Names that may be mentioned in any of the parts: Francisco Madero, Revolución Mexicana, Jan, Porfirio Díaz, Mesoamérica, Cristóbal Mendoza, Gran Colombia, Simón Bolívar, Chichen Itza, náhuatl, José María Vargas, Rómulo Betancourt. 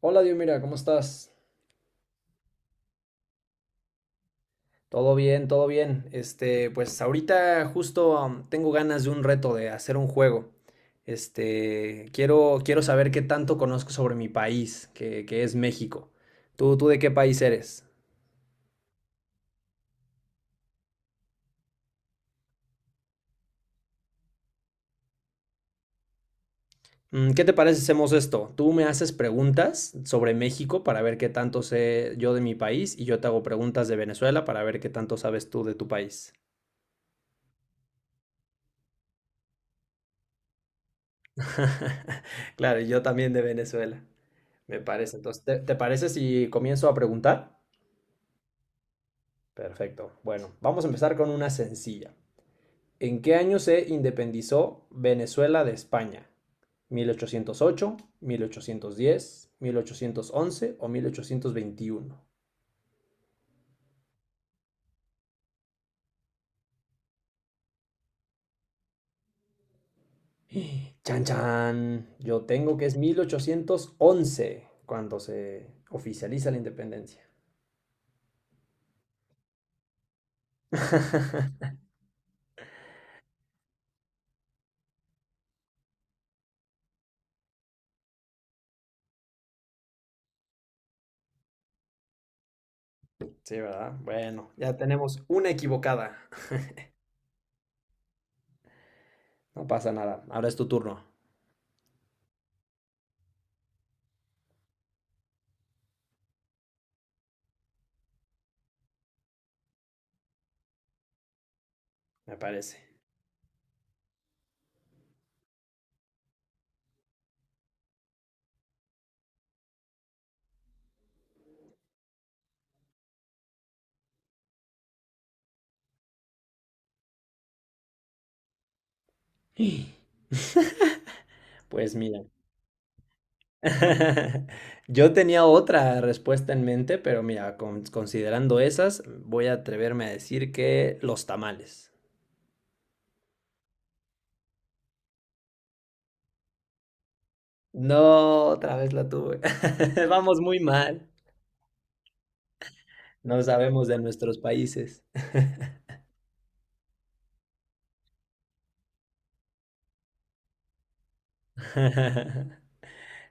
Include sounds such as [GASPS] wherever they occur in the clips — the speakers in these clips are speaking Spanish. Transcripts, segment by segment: Hola, Dios, mira, ¿cómo estás? Todo bien, todo bien. Este, pues ahorita justo tengo ganas de un reto de hacer un juego. Este, quiero saber qué tanto conozco sobre mi país, que es México. ¿Tú de qué país eres? ¿Qué te parece si hacemos esto? Tú me haces preguntas sobre México para ver qué tanto sé yo de mi país y yo te hago preguntas de Venezuela para ver qué tanto sabes tú de tu país. [LAUGHS] Claro, y yo también de Venezuela. Me parece. Entonces, ¿te parece si comienzo a preguntar? Perfecto. Bueno, vamos a empezar con una sencilla. ¿En qué año se independizó Venezuela de España? Mil ochocientos ocho, 1810, 1811 o 1821? [GASPS] Chan chan, yo tengo que es 1811 cuando se oficializa la independencia. [LAUGHS] Sí, ¿verdad? Bueno, ya tenemos una equivocada. No pasa nada. Ahora es tu turno, me parece. [LAUGHS] Pues mira, [LAUGHS] yo tenía otra respuesta en mente, pero mira, considerando esas, voy a atreverme a decir que los tamales. No, otra vez la tuve. [LAUGHS] Vamos muy mal. No sabemos de nuestros países. [LAUGHS]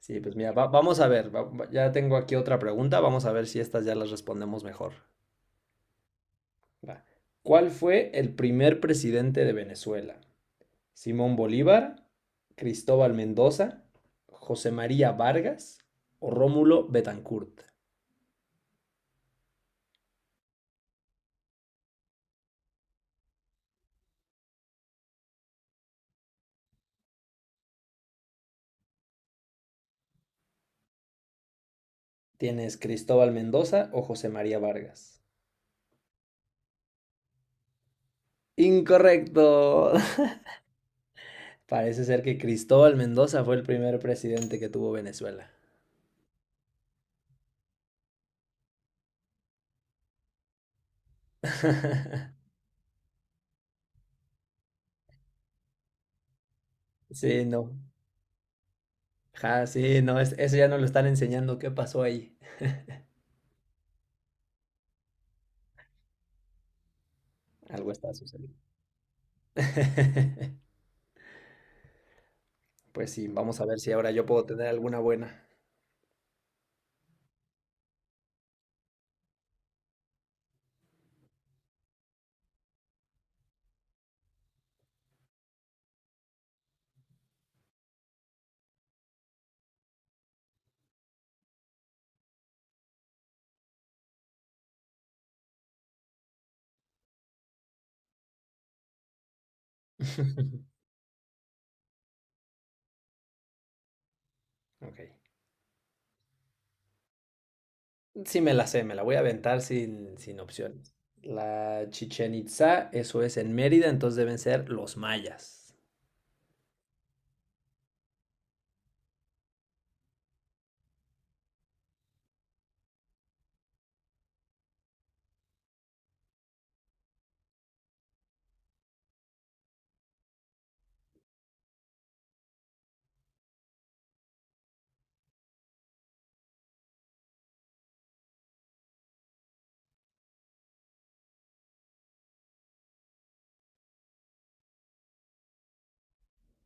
Sí, pues mira, vamos a ver. Ya tengo aquí otra pregunta. Vamos a ver si estas ya las respondemos mejor. Va. ¿Cuál fue el primer presidente de Venezuela? Simón Bolívar, Cristóbal Mendoza, José María Vargas o Rómulo Betancourt. Tienes Cristóbal Mendoza o José María Vargas. Incorrecto. [LAUGHS] Parece ser que Cristóbal Mendoza fue el primer presidente que tuvo Venezuela. [LAUGHS] Sí, no. Ja, sí, no, eso ya no lo están enseñando. ¿Qué pasó ahí? Algo está sucediendo. [LAUGHS] Pues sí, vamos a ver si ahora yo puedo tener alguna buena. [LAUGHS] Ok. Sí me la sé, me la voy a aventar sin opciones. La Chichen Itza, eso es en Mérida, entonces deben ser los mayas.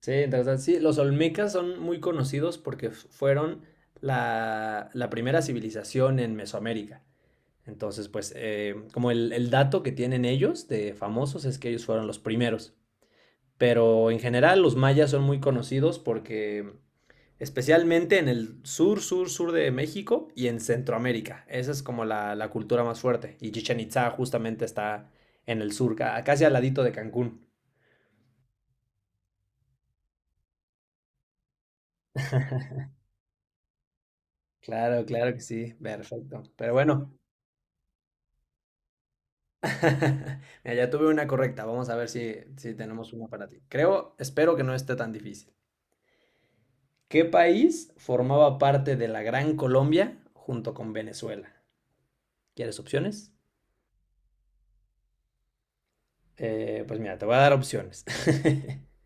Sí, interesante. Sí, los olmecas son muy conocidos porque fueron la primera civilización en Mesoamérica. Entonces, pues, como el dato que tienen ellos de famosos es que ellos fueron los primeros. Pero en general los mayas son muy conocidos porque especialmente en el sur, sur, sur de México y en Centroamérica. Esa es como la cultura más fuerte. Y Chichen Itza justamente está en el sur, casi al ladito de Cancún. Claro, claro que sí, perfecto. Pero bueno, [LAUGHS] mira, ya tuve una correcta. Vamos a ver si tenemos una para ti. Creo, espero que no esté tan difícil. ¿Qué país formaba parte de la Gran Colombia junto con Venezuela? ¿Quieres opciones? Pues mira, te voy a dar opciones. [LAUGHS]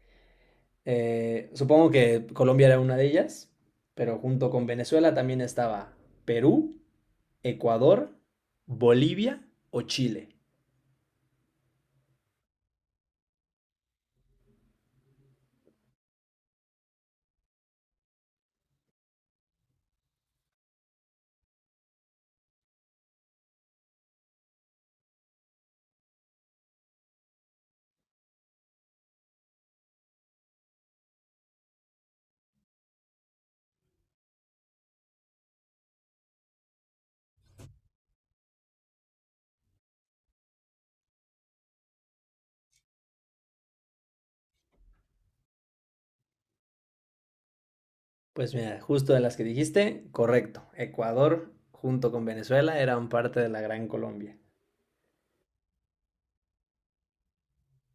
Supongo que Colombia era una de ellas, pero junto con Venezuela también estaba Perú, Ecuador, Bolivia o Chile. Pues mira, justo de las que dijiste, correcto. Ecuador junto con Venezuela eran parte de la Gran Colombia.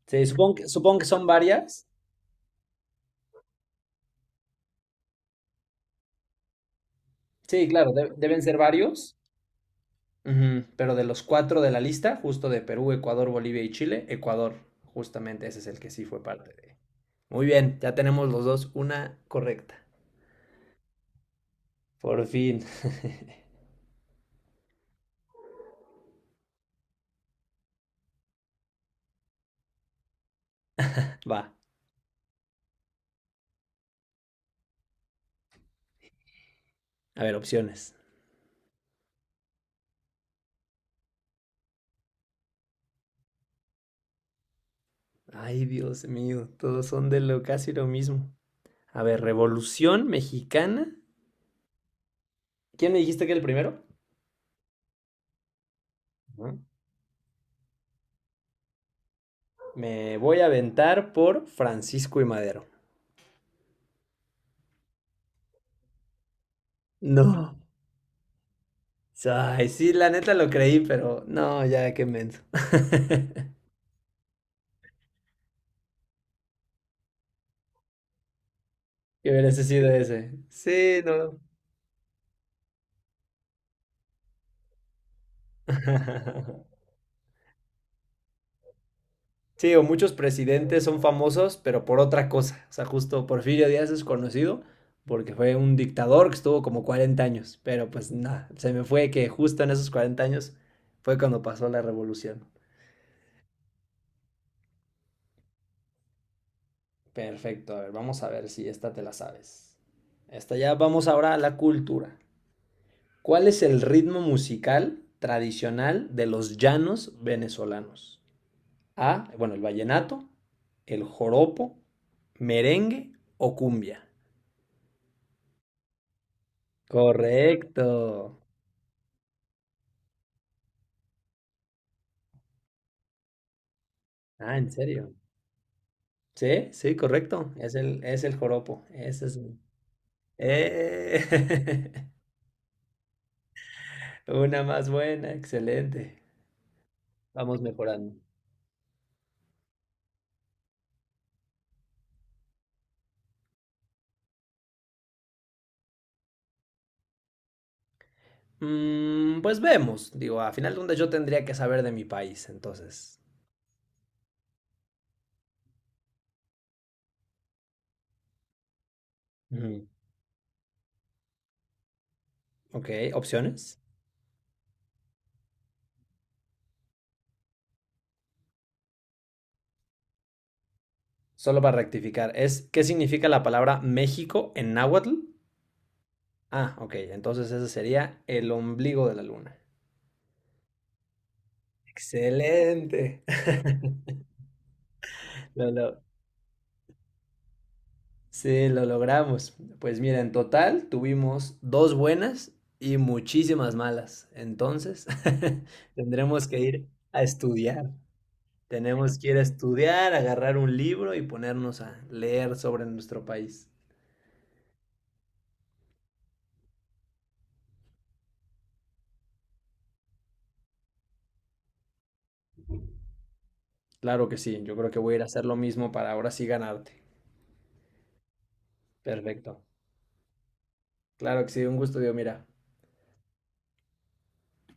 Sí, supongo que son varias. Sí, claro, deben ser varios. Ujú, pero de los cuatro de la lista, justo de Perú, Ecuador, Bolivia y Chile, Ecuador, justamente ese es el que sí fue parte de. Muy bien, ya tenemos los dos una correcta. Por fin. [LAUGHS] Va. A ver, opciones. Ay, Dios mío, todos son de lo casi lo mismo. A ver, Revolución Mexicana. ¿Quién me dijiste que era el primero? Ujú. Me voy a aventar por Francisco y Madero. No. Ay, sí, la neta lo creí, pero no, ya qué menso. [LAUGHS] Que hubiese sido ese. Sí, no. [LAUGHS] Sí, o muchos presidentes son famosos, pero por otra cosa. O sea, justo Porfirio Díaz es conocido porque fue un dictador que estuvo como 40 años, pero pues nada, se me fue que justo en esos 40 años fue cuando pasó la revolución. Perfecto, a ver, vamos a ver si esta te la sabes. Esta ya vamos ahora a la cultura. ¿Cuál es el ritmo musical tradicional de los llanos venezolanos? A, bueno, el vallenato, el joropo, merengue o cumbia. Correcto. Ah, ¿en serio? Sí, sí, correcto. Es el joropo. Ese es. ¡Eh! [LAUGHS] Una más buena, excelente. Vamos mejorando. Pues vemos. Digo, a final de cuentas yo tendría que saber de mi país, entonces. Ujú. Ok, opciones. Solo para rectificar, es ¿qué significa la palabra México en náhuatl? Ah, ok, entonces ese sería el ombligo de la luna. Excelente. [LAUGHS] Lo, lo- Sí, lo logramos. Pues mira, en total tuvimos dos buenas y muchísimas malas. Entonces, [LAUGHS] tendremos que ir a estudiar. Tenemos que ir a estudiar, agarrar un libro y ponernos a leer sobre nuestro país. Claro que sí, yo creo que voy a ir a hacer lo mismo para ahora sí ganarte. Perfecto. Claro que sí, un gusto, Dios, mira.